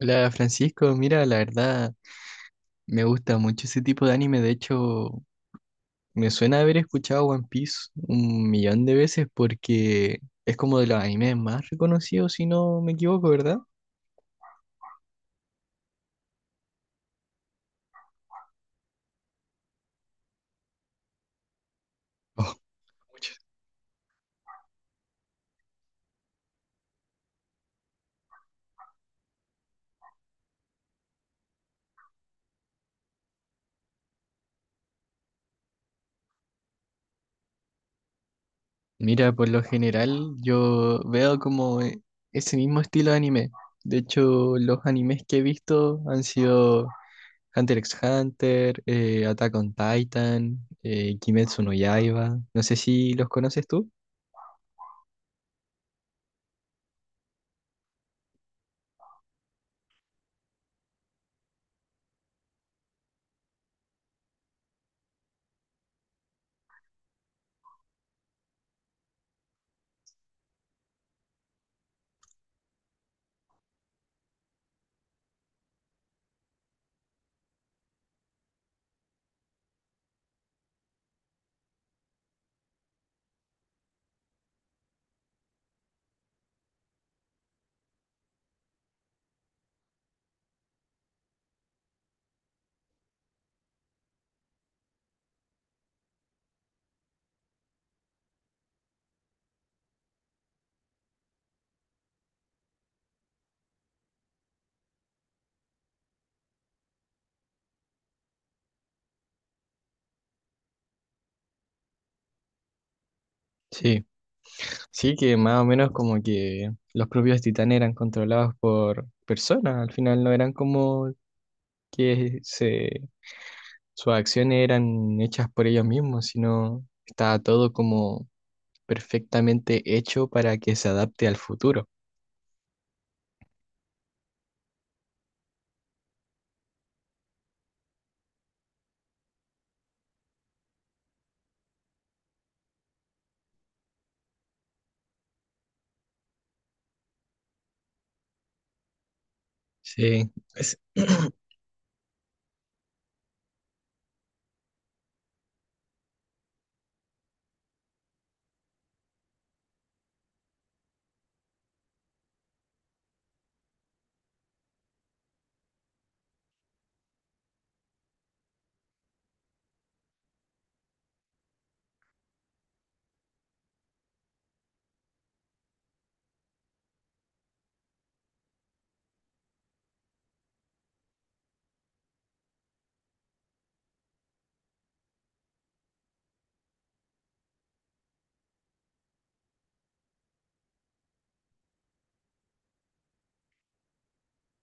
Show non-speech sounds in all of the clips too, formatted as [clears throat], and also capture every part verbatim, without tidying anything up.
Hola Francisco, mira, la verdad me gusta mucho ese tipo de anime, de hecho me suena haber escuchado One Piece un millón de veces porque es como de los animes más reconocidos, si no me equivoco, ¿verdad? Oh, muchas. Mira, por lo general yo veo como e- ese mismo estilo de anime, de hecho los animes que he visto han sido Hunter x Hunter, eh, Attack on Titan, eh, Kimetsu no Yaiba, no sé si los conoces tú. Sí. Sí, que más o menos como que los propios titanes eran controlados por personas, al final no eran como que se, sus acciones eran hechas por ellos mismos, sino estaba todo como perfectamente hecho para que se adapte al futuro. Sí, es- [clears throat]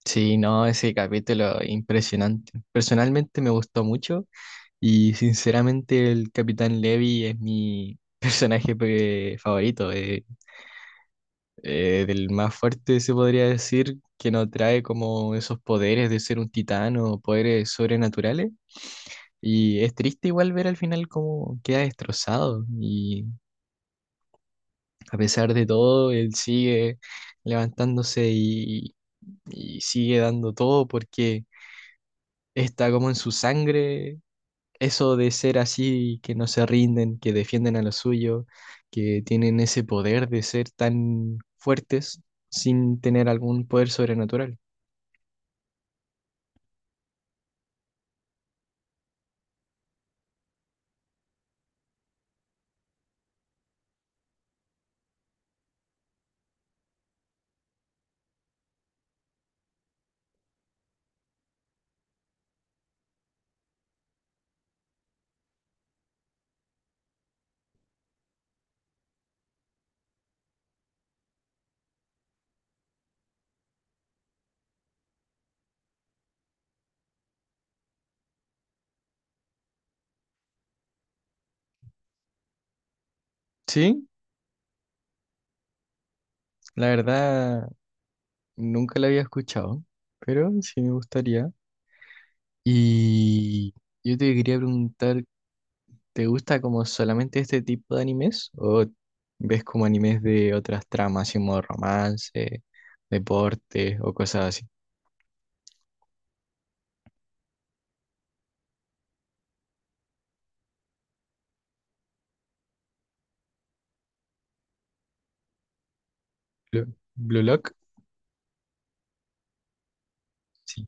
sí, no, ese capítulo impresionante. Personalmente me gustó mucho y sinceramente el Capitán Levi es mi [laughs] personaje pe- favorito. Eh, eh, del más fuerte se podría decir, que no trae como esos poderes de ser un titán o poderes sobrenaturales. Y es triste igual ver al final cómo queda destrozado y a pesar de todo, él sigue levantándose y, y sigue dando todo porque está como en su sangre eso de ser así, que no se rinden, que defienden a lo suyo, que tienen ese poder de ser tan fuertes sin tener algún poder sobrenatural. Sí, la verdad nunca la había escuchado, pero sí me gustaría. Y yo te quería preguntar, ¿te gusta como solamente este tipo de animes o ves como animes de otras tramas, así como romance, deporte o cosas así? Blue, Blue Lock, sí.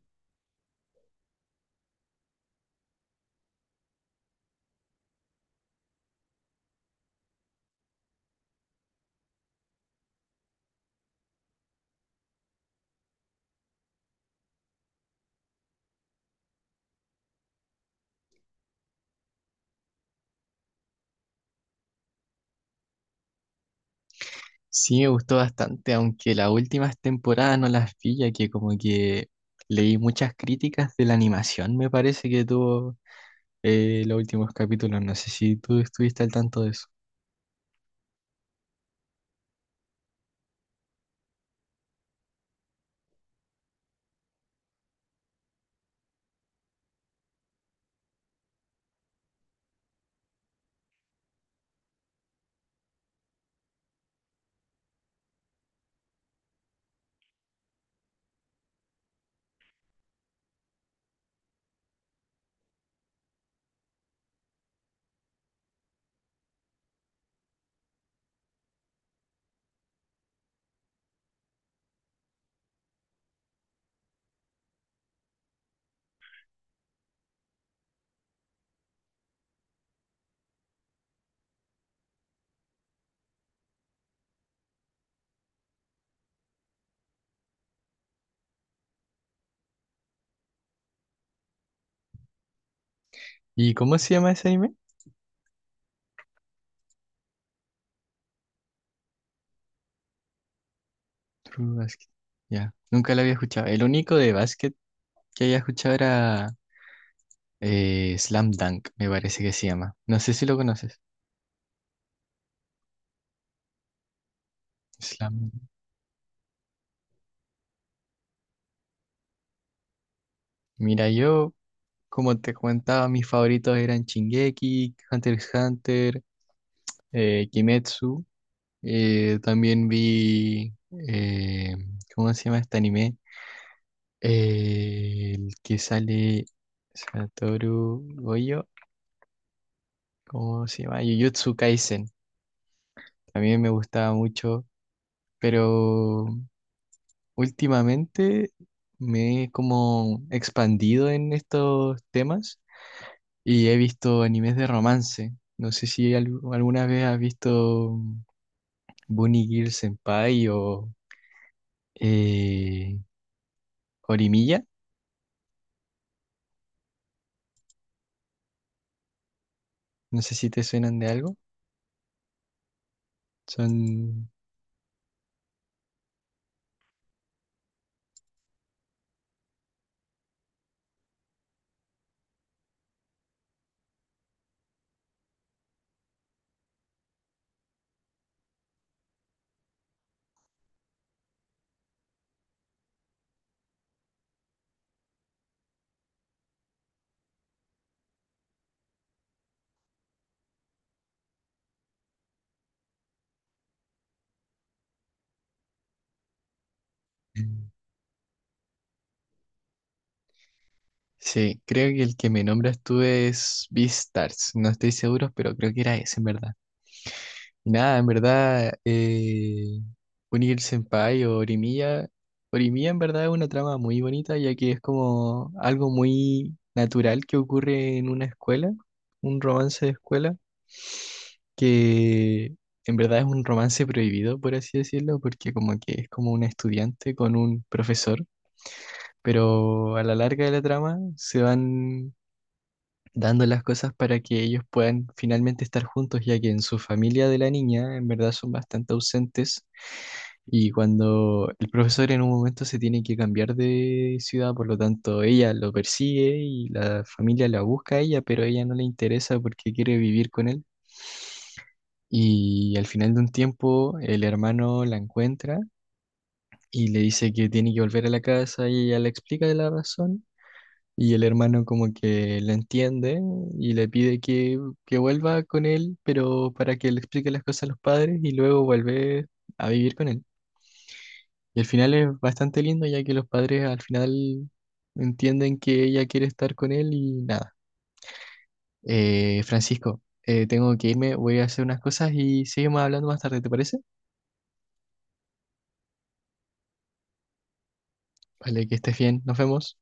Sí me gustó bastante, aunque las últimas temporadas no las vi, ya que como que leí muchas críticas de la animación, me parece que tuvo eh, los últimos capítulos. No sé si tú estuviste al tanto de eso. ¿Y cómo se llama ese anime? True Basket. Ya, nunca lo había escuchado. El único de básquet que había escuchado era eh, Slam Dunk, me parece que se llama. No sé si lo conoces. Slam. Mira, yo, como te comentaba, mis favoritos eran Shingeki, Hunter x Hunter, eh, Kimetsu. Eh, también vi, eh, ¿cómo se llama este anime? Eh, el que sale Satoru Goyo, ¿cómo se llama? Jujutsu Kaisen. También me gustaba mucho, pero últimamente me he como expandido en estos temas y he visto animes de romance. No sé si al- alguna vez has visto Bunny Girl Senpai o eh, Horimiya. No sé si te suenan de algo. Son... Sí, creo que el que me nombras tú es Beastars. No estoy seguro, pero creo que era ese, en verdad. Y nada, en verdad, eh, Unir Senpai o Orimiya. Orimiya, en verdad, es una trama muy bonita, ya que es como algo muy natural que ocurre en una escuela, un romance de escuela, que en verdad es un romance prohibido, por así decirlo, porque como que es como un estudiante con un profesor. Pero a la larga de la trama se van dando las cosas para que ellos puedan finalmente estar juntos, ya que en su familia de la niña en verdad son bastante ausentes y cuando el profesor en un momento se tiene que cambiar de ciudad, por lo tanto ella lo persigue y la familia la busca a ella, pero a ella no le interesa porque quiere vivir con él y al final de un tiempo el hermano la encuentra. Y le dice que tiene que volver a la casa y ella le explica la razón. Y el hermano como que la entiende y le pide que, que vuelva con él, pero para que le explique las cosas a los padres y luego vuelve a vivir con él. Y el final es bastante lindo ya que los padres al final entienden que ella quiere estar con él y nada. Eh, Francisco, eh, tengo que irme, voy a hacer unas cosas y seguimos hablando más tarde, ¿te parece? Vale, que estés bien, nos vemos.